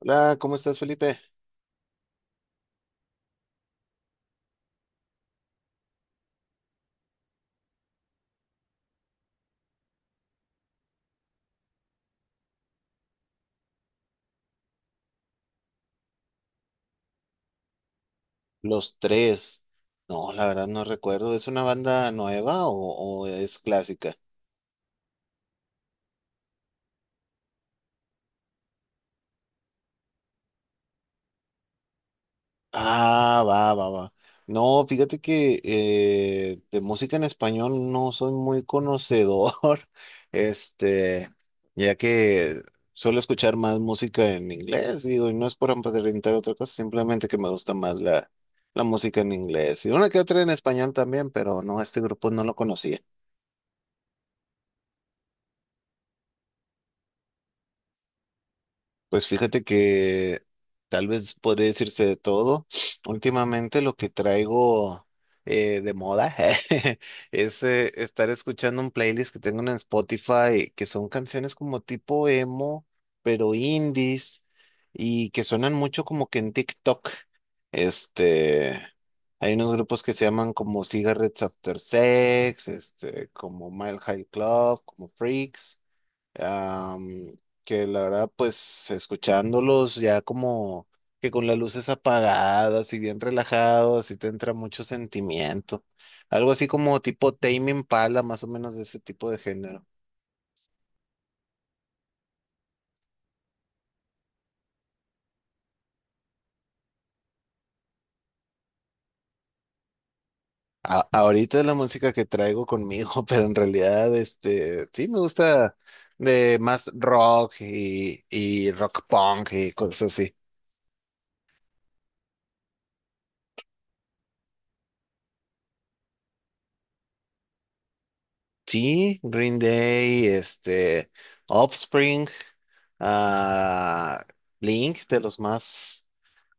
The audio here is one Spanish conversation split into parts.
Hola, ¿cómo estás, Felipe? Los tres. No, la verdad no recuerdo. ¿Es una banda nueva o es clásica? Ah, va, va, va. No, fíjate que de música en español no soy muy conocedor. este, ya que suelo escuchar más música en inglés, digo, y no es por aparentar otra cosa, simplemente que me gusta más la música en inglés. Y una que otra en español también, pero no, este grupo no lo conocía. Pues fíjate que tal vez podría decirse de todo. Últimamente lo que traigo de moda es estar escuchando un playlist que tengo en Spotify, que son canciones como tipo emo, pero indies, y que suenan mucho como que en TikTok. Este, Hay unos grupos que se llaman como Cigarettes After Sex, este, como Mile High Club, como Freaks am, que la verdad, pues escuchándolos ya como que con las luces apagadas y bien relajados, y te entra mucho sentimiento. Algo así como tipo Tame Impala, más o menos de ese tipo de género. Ahorita es la música que traigo conmigo, pero en realidad, este, sí me gusta de más rock y rock punk y cosas así. Sí, Green Day, este, Offspring, ah, Blink, de los más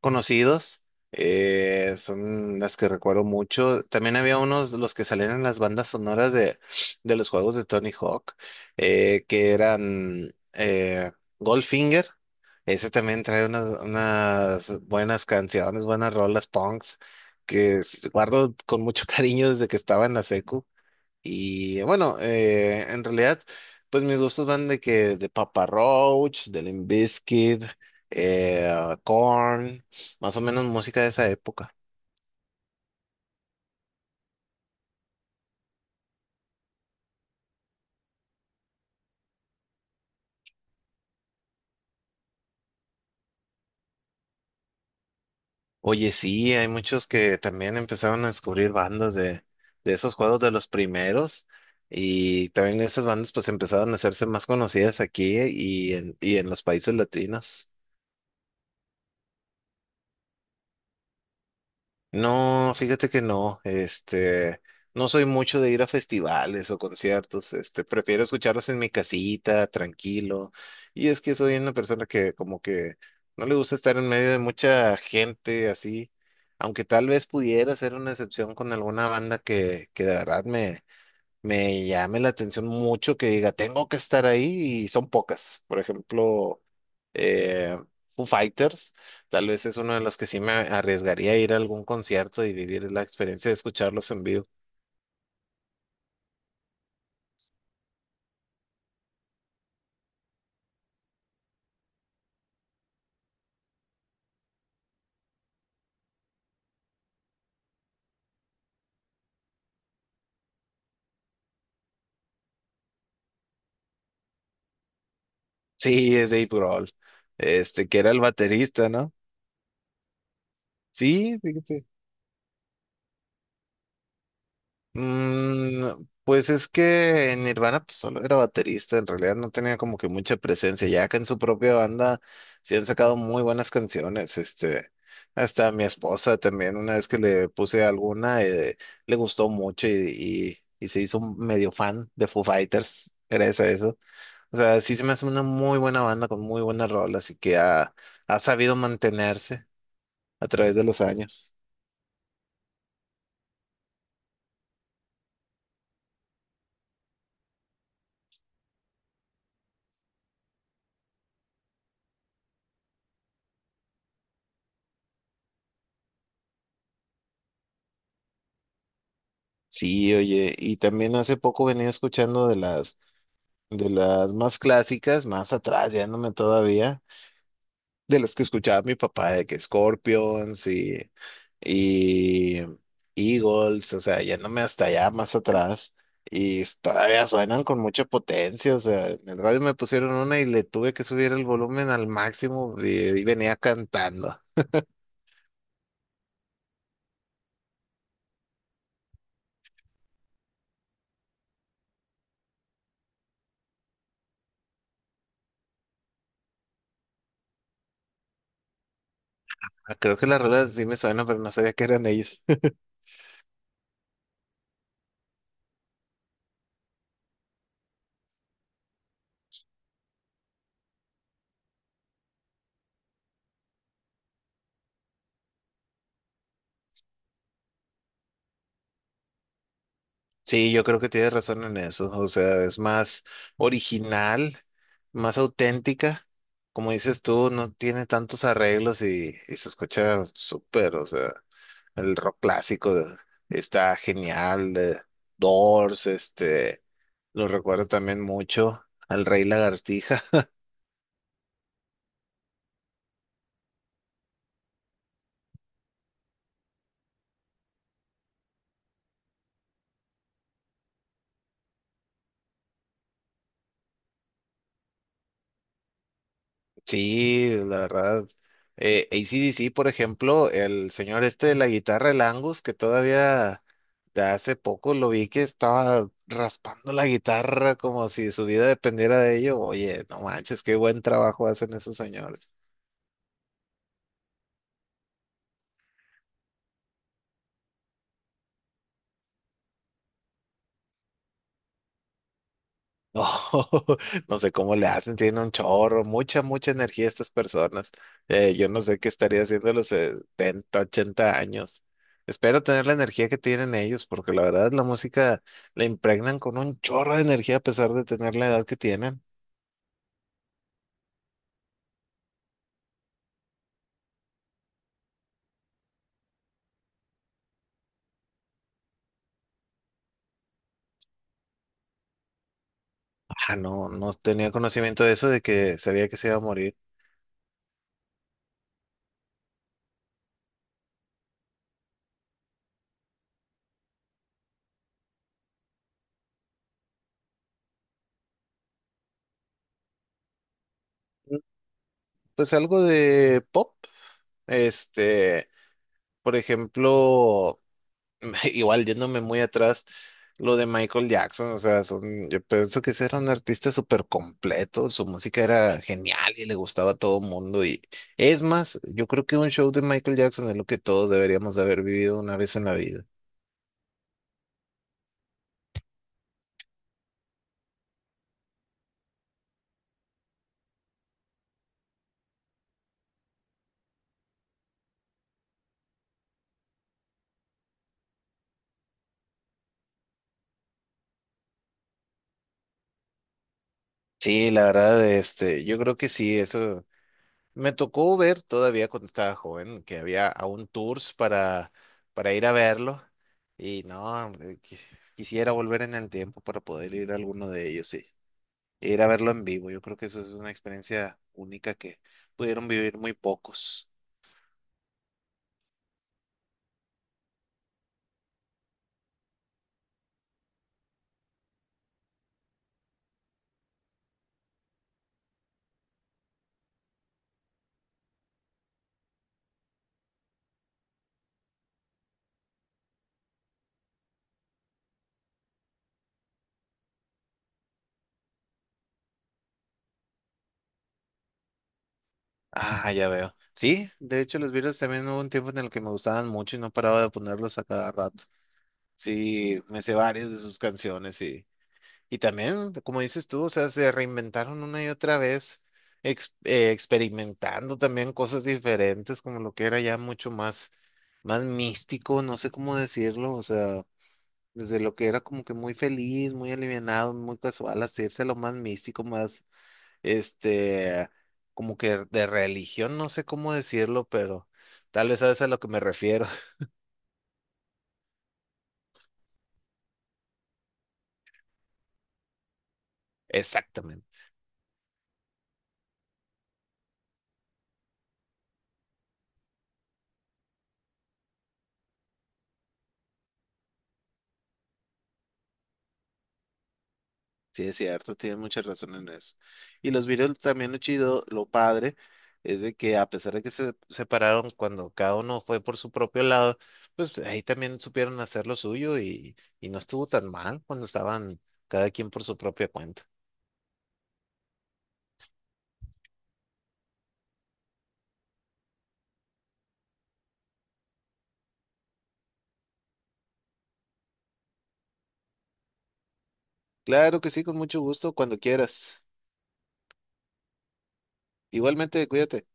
conocidos, son las que recuerdo mucho. También había unos, los que salían en las bandas sonoras de los juegos de Tony Hawk, que eran Goldfinger. Ese también trae unas, unas buenas canciones, buenas rolas punks, que guardo con mucho cariño desde que estaba en la secu. Y bueno, en realidad, pues mis gustos van de que de Papa Roach, de Limp Bizkit, Korn, más o menos música de esa época. Oye, sí, hay muchos que también empezaron a descubrir bandas de esos juegos de los primeros. Y también esas bandas pues empezaron a hacerse más conocidas aquí y en los países latinos. No, fíjate que no, este, no soy mucho de ir a festivales o conciertos, este, prefiero escucharlos en mi casita, tranquilo. Y es que soy una persona que como que no le gusta estar en medio de mucha gente así, aunque tal vez pudiera ser una excepción con alguna banda que de verdad me llame la atención mucho, que diga, tengo que estar ahí y son pocas. Por ejemplo, eh, Foo Fighters, tal vez es uno de los que sí me arriesgaría a ir a algún concierto y vivir la experiencia de escucharlos en vivo. Sí, es Dave Grohl, este, que era el baterista, ¿no? Sí, fíjate. Mm, pues es que en Nirvana pues solo era baterista, en realidad no tenía como que mucha presencia, ya que en su propia banda sí han sacado muy buenas canciones, este, hasta mi esposa también, una vez que le puse alguna, le gustó mucho y se hizo un medio fan de Foo Fighters, gracias a eso. O sea, sí se me hace una muy buena banda con muy buenas rolas y que ha sabido mantenerse a través de los años. Sí, oye, y también hace poco venía escuchando de las. De las más clásicas, más atrás, yéndome todavía, de las que escuchaba mi papá, de que Scorpions y Eagles, o sea, yéndome hasta allá, más atrás, y todavía suenan con mucha potencia. O sea, en el radio me pusieron una y le tuve que subir el volumen al máximo y venía cantando. Ah, creo que las rolas sí me suenan, pero no sabía que eran ellos. Sí, yo creo que tienes razón en eso. O sea, es más original, más auténtica. Como dices tú, no tiene tantos arreglos y se escucha súper. O sea, el rock clásico está genial. De Doors, este, lo recuerdo también mucho al Rey Lagartija. Sí, la verdad. AC/DC, por ejemplo, el señor este de la guitarra, el Angus, que todavía de hace poco lo vi que estaba raspando la guitarra como si su vida dependiera de ello. Oye, no manches, qué buen trabajo hacen esos señores. No, no sé cómo le hacen, tienen un chorro, mucha, mucha energía estas personas. Yo no sé qué estaría haciendo a los 70, 80 años. Espero tener la energía que tienen ellos, porque la verdad la música la impregnan con un chorro de energía a pesar de tener la edad que tienen. Ah, no, no tenía conocimiento de eso, de que sabía que se iba a morir. Mm, pues algo de pop, este, por ejemplo. Igual yéndome muy atrás, lo de Michael Jackson, o sea, son, yo pienso que ese era un artista súper completo, su música era genial y le gustaba a todo mundo y es más, yo creo que un show de Michael Jackson es lo que todos deberíamos de haber vivido una vez en la vida. Sí, la verdad, este, yo creo que sí, eso. Me tocó ver todavía cuando estaba joven que había aún tours para ir a verlo y no, hombre, quisiera volver en el tiempo para poder ir a alguno de ellos sí e ir a verlo en vivo. Yo creo que eso es una experiencia única que pudieron vivir muy pocos. Ah, ya veo. Sí, de hecho los Beatles también hubo un tiempo en el que me gustaban mucho y no paraba de ponerlos a cada rato. Sí, me sé varias de sus canciones. Y también, como dices tú, o sea, se reinventaron una y otra vez, experimentando también cosas diferentes, como lo que era ya mucho más, más místico, no sé cómo decirlo, o sea, desde lo que era como que muy feliz, muy alivianado, muy casual, hacerse a lo más místico, más, este, como que de religión, no sé cómo decirlo, pero tal vez sabes a lo que me refiero. Exactamente. Sí, es cierto, tienes mucha razón en eso. Y los Beatles también lo chido, lo padre, es de que a pesar de que se separaron cuando cada uno fue por su propio lado, pues ahí también supieron hacer lo suyo y no estuvo tan mal cuando estaban cada quien por su propia cuenta. Claro que sí, con mucho gusto, cuando quieras. Igualmente, cuídate.